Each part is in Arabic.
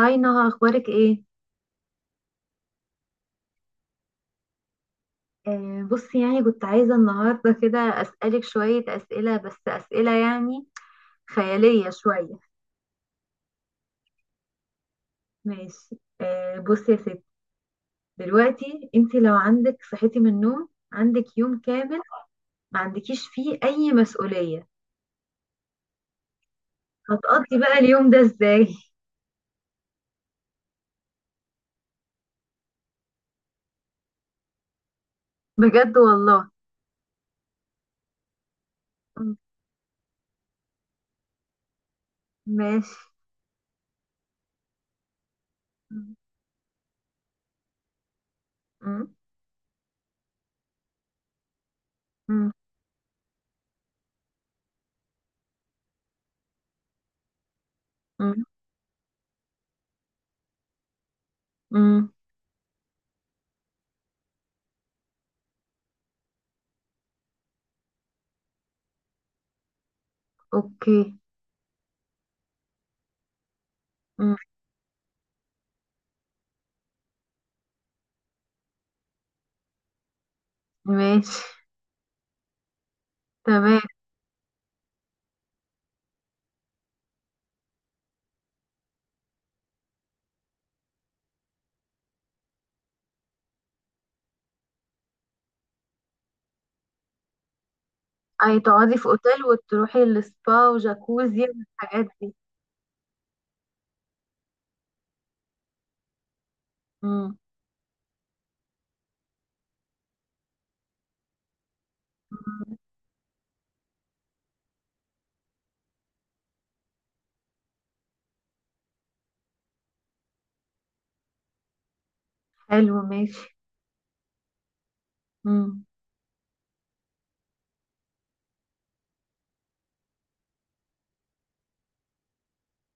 هاي نهى، اخبارك ايه؟ آه بصي، يعني كنت عايزه النهارده كده اسالك شويه اسئله، بس اسئله يعني خياليه شويه. ماشي، آه بصي يا ستي، دلوقتي انت لو عندك، صحيتي من النوم عندك يوم كامل، ما عندكيش فيه اي مسؤوليه، هتقضي بقى اليوم ده ازاي؟ بجد والله. م- ماشي. م- م- م- م- م- اوكي. م- ماشي. تمام. اي، تقعدي في اوتيل وتروحي للسبا وجاكوزي والحاجات دي. امم. مم. حلو ماشي. امم.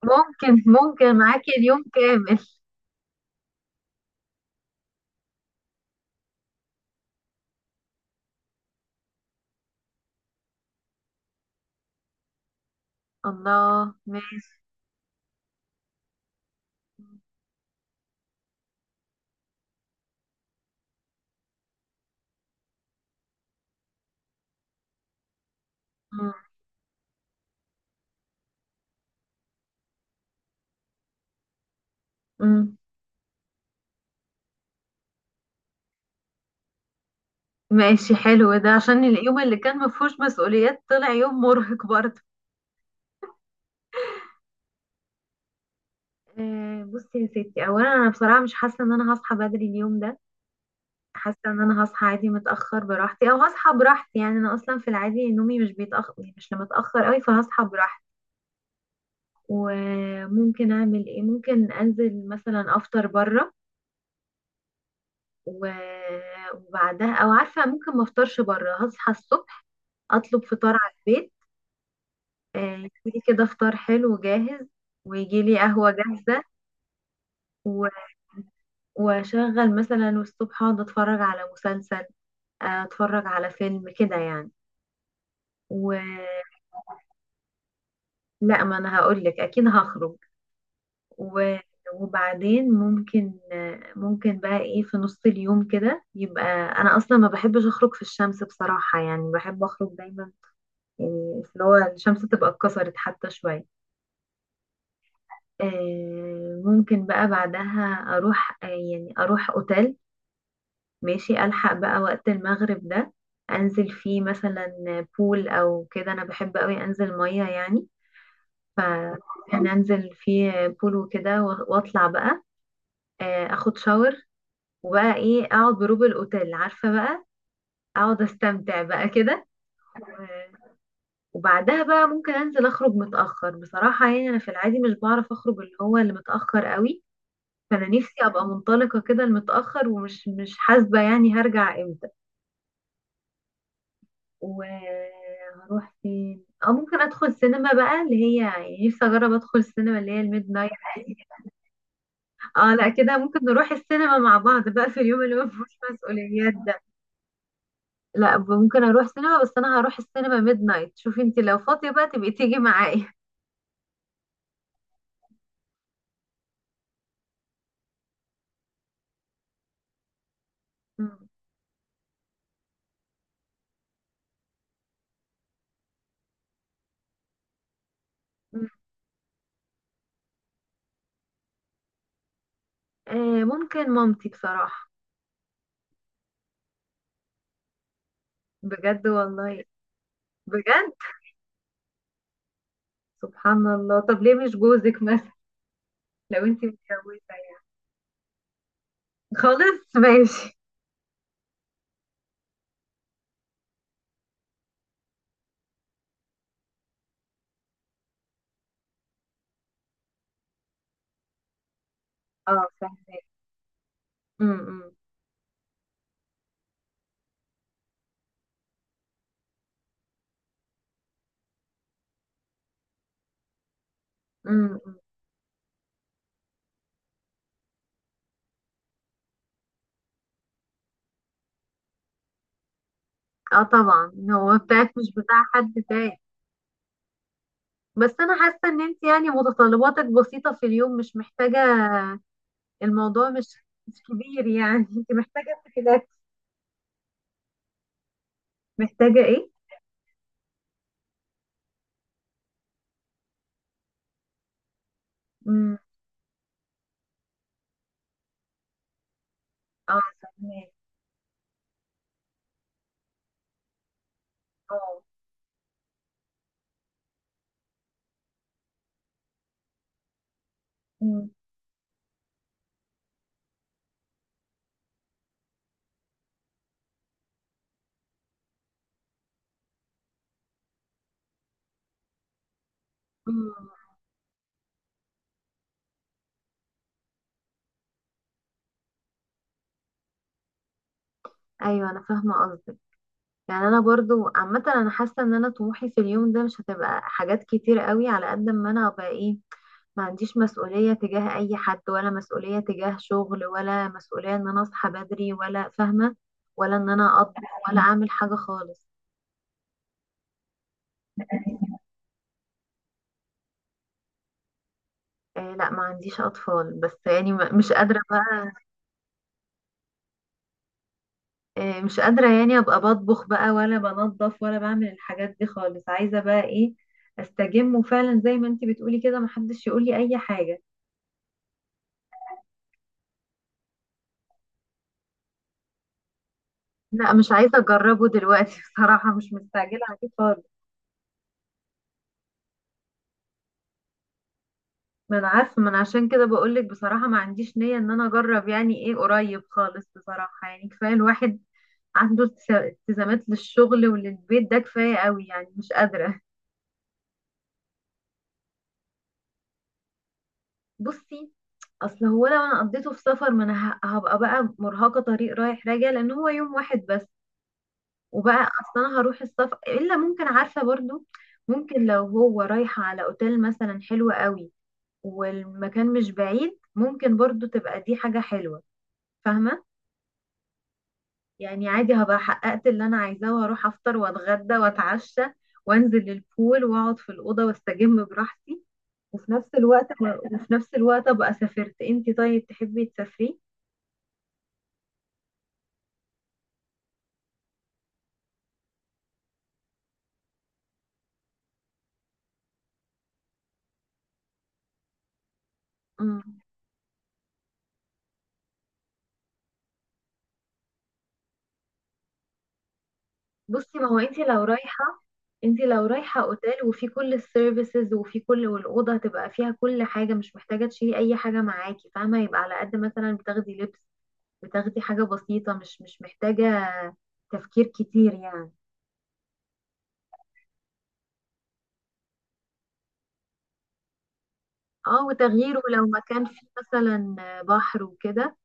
ممكن معاكي اليوم كامل. الله، ماشي. مم. مم. ماشي حلو، ده عشان اليوم اللي كان مفهوش مسؤوليات طلع يوم مرهق برضه. آه، بصي يا ستي، اولا انا بصراحة مش حاسة ان انا هصحى بدري اليوم ده. حاسة ان انا هصحى عادي متأخر براحتي، او هصحى براحتي، يعني انا اصلا في العادي نومي مش بيتأخر، مش متأخر قوي، فهصحى براحتي. وممكن اعمل ايه؟ ممكن انزل مثلا افطر بره. و- وبعدها، او عارفه، ممكن ما افطرش بره، هصحى الصبح اطلب فطار على البيت. آه، يجيلي كده فطار حلو جاهز، ويجيلي قهوه جاهزه. و- واشغل مثلا، والصبح اقعد اتفرج على مسلسل. آه، اتفرج على فيلم كده يعني، ولا. ما انا هقول لك، اكيد هخرج. و- وبعدين ممكن بقى ايه في نص اليوم كده يبقى. انا اصلا ما بحبش اخرج في الشمس بصراحة، يعني بحب اخرج دايما، يعني في اللي هو الشمس تبقى اتكسرت حتى شوية. آه، ممكن بقى بعدها اروح، يعني اروح اوتيل. ماشي، الحق بقى وقت المغرب ده، انزل فيه مثلا بول او كده، انا بحب قوي انزل مية يعني. ف يعني انزل فيه بول وكده، واطلع بقى. آه، اخد شاور، وبقى ايه، اقعد بروب الاوتيل، عارفه بقى، اقعد استمتع بقى كده. و- وبعدها بقى ممكن انزل اخرج متاخر بصراحه، يعني انا في العادي مش بعرف اخرج اللي هو اللي متاخر قوي، فانا نفسي ابقى منطلقه كده المتاخر، ومش مش حاسبه يعني هرجع امتى، وهروح فين. اه، ممكن ادخل سينما بقى اللي هي، يعني نفسي اجرب ادخل سينما اللي هي الميد نايت. اه لا، كده ممكن نروح السينما مع بعض بقى في اليوم اللي هو مفيهوش مسؤوليات ده. لا، ممكن اروح سينما، بس انا هروح السينما ميد نايت، شوفي انت لو فاضية بقى تبقي تيجي معايا. مم. مم. آه، ممكن مامتي بصراحة. بجد والله. بجد. سبحان الله، طب ليه مش جوزك مثلا لو انت متجوزة يعني؟ خالص، ماشي. اه، فاهمة. امم. امم. اه طبعا، هو بتاعك مش بتاع حد تاني. بس انا حاسه ان انت يعني متطلباتك بسيطه في اليوم، مش محتاجه، الموضوع مش كبير يعني، انت محتاجه في الاكل. محتاجه ايه؟ امم. اه، فهمت. اه. امم. امم. ايوه، انا فاهمه قصدك. يعني انا برضو عامه، انا حاسه ان انا طموحي في اليوم ده مش هتبقى حاجات كتير قوي، على قد ما انا ابقى ايه، ما عنديش مسؤوليه تجاه اي حد، ولا مسؤوليه تجاه شغل، ولا مسؤوليه ان انا اصحى بدري، ولا فاهمه، ولا ان انا اطبخ، ولا اعمل حاجه خالص. آه لا، ما عنديش اطفال، بس يعني مش قادره بقى. آه، مش قادرة يعني ابقى بطبخ بقى، ولا بنظف، ولا بعمل الحاجات دي خالص. عايزة بقى ايه، استجم، وفعلا زي ما انتي بتقولي كده، محدش يقولي اي حاجة. لا، مش عايزة اجربه دلوقتي. بصراحة مش مستعجلة عليه خالص. ما انا عارفة، ما انا عشان كده بقولك بصراحة، ما عنديش نية ان انا اجرب يعني ايه قريب خالص بصراحة، يعني كفاية الواحد عنده التزامات للشغل وللبيت، ده كفاية قوي يعني، مش قادرة. بصي، اصل هو لو انا قضيته في سفر، ما انا هبقى بقى مرهقه، طريق رايح راجع، لان هو يوم واحد بس. وبقى، اصل انا هروح السفر الا، ممكن عارفه برضو، ممكن لو هو رايحه على اوتيل مثلا حلو قوي والمكان مش بعيد، ممكن برضو تبقى دي حاجه حلوه، فاهمه؟ يعني عادي، هبقى حققت اللي انا عايزاه، وهروح افطر واتغدى واتعشى، وانزل البول واقعد في الاوضه واستجم براحتي، وفي نفس الوقت وفي نفس الوقت ابقى سافرت. انتي طيب، تحبي تسافري؟ بصي، ما هو انت لو رايحه اوتيل، وفي كل السيرفيسز، وفي كل والاوضه هتبقى فيها كل حاجه، مش محتاجه تشيلي اي حاجه معاكي، فاهمه؟ يبقى على قد مثلا بتاخدي لبس، بتاخدي حاجه بسيطه، مش محتاجه تفكير كتير يعني. اه، وتغيير، ولو مكان فيه مثلا بحر وكده،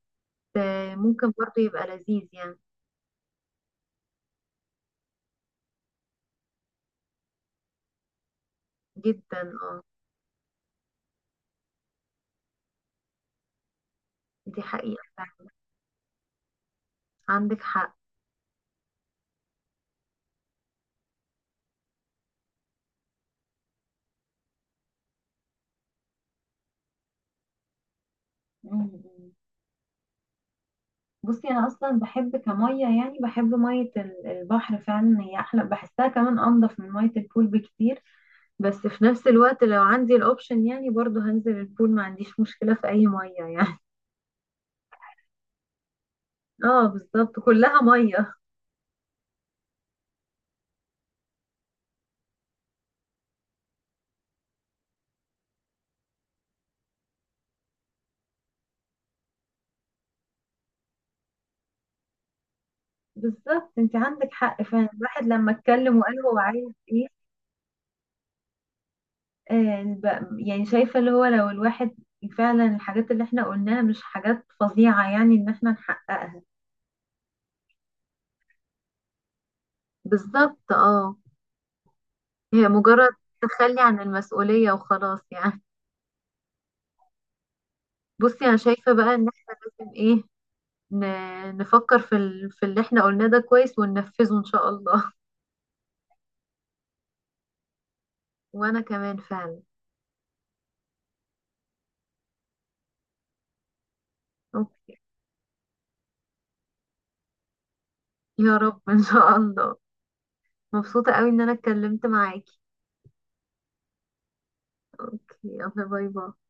آه، ممكن برضه يبقى لذيذ يعني. جدا اه. دي حقيقه فعلا. عندك حق. مم. بصي، انا اصلا بحب كميه، يعني بحب ميه البحر، فعلا هي احلى بحسها، كمان انضف من ميه البول بكتير. بس في نفس الوقت لو عندي الاوبشن يعني، برضو هنزل البول، ما عنديش مشكله في اي ميه يعني. اه بالظبط، كلها ميه. بالظبط، انت عندك حق فعلا، الواحد لما اتكلم وقال هو عايز ايه. آه يعني شايفه اللي هو لو الواحد فعلا، الحاجات اللي احنا قلناها مش حاجات فظيعه يعني ان احنا نحققها. بالظبط اه، هي مجرد تخلي عن المسؤولية وخلاص يعني. بصي، أنا شايفة بقى إن احنا لازم إيه، نفكر في في اللي احنا قلناه ده كويس، وننفذه إن شاء الله. وأنا كمان فعلا. أوكي. يا رب إن شاء الله. مبسوطة قوي إن أنا اتكلمت معاكي. يلا باي باي.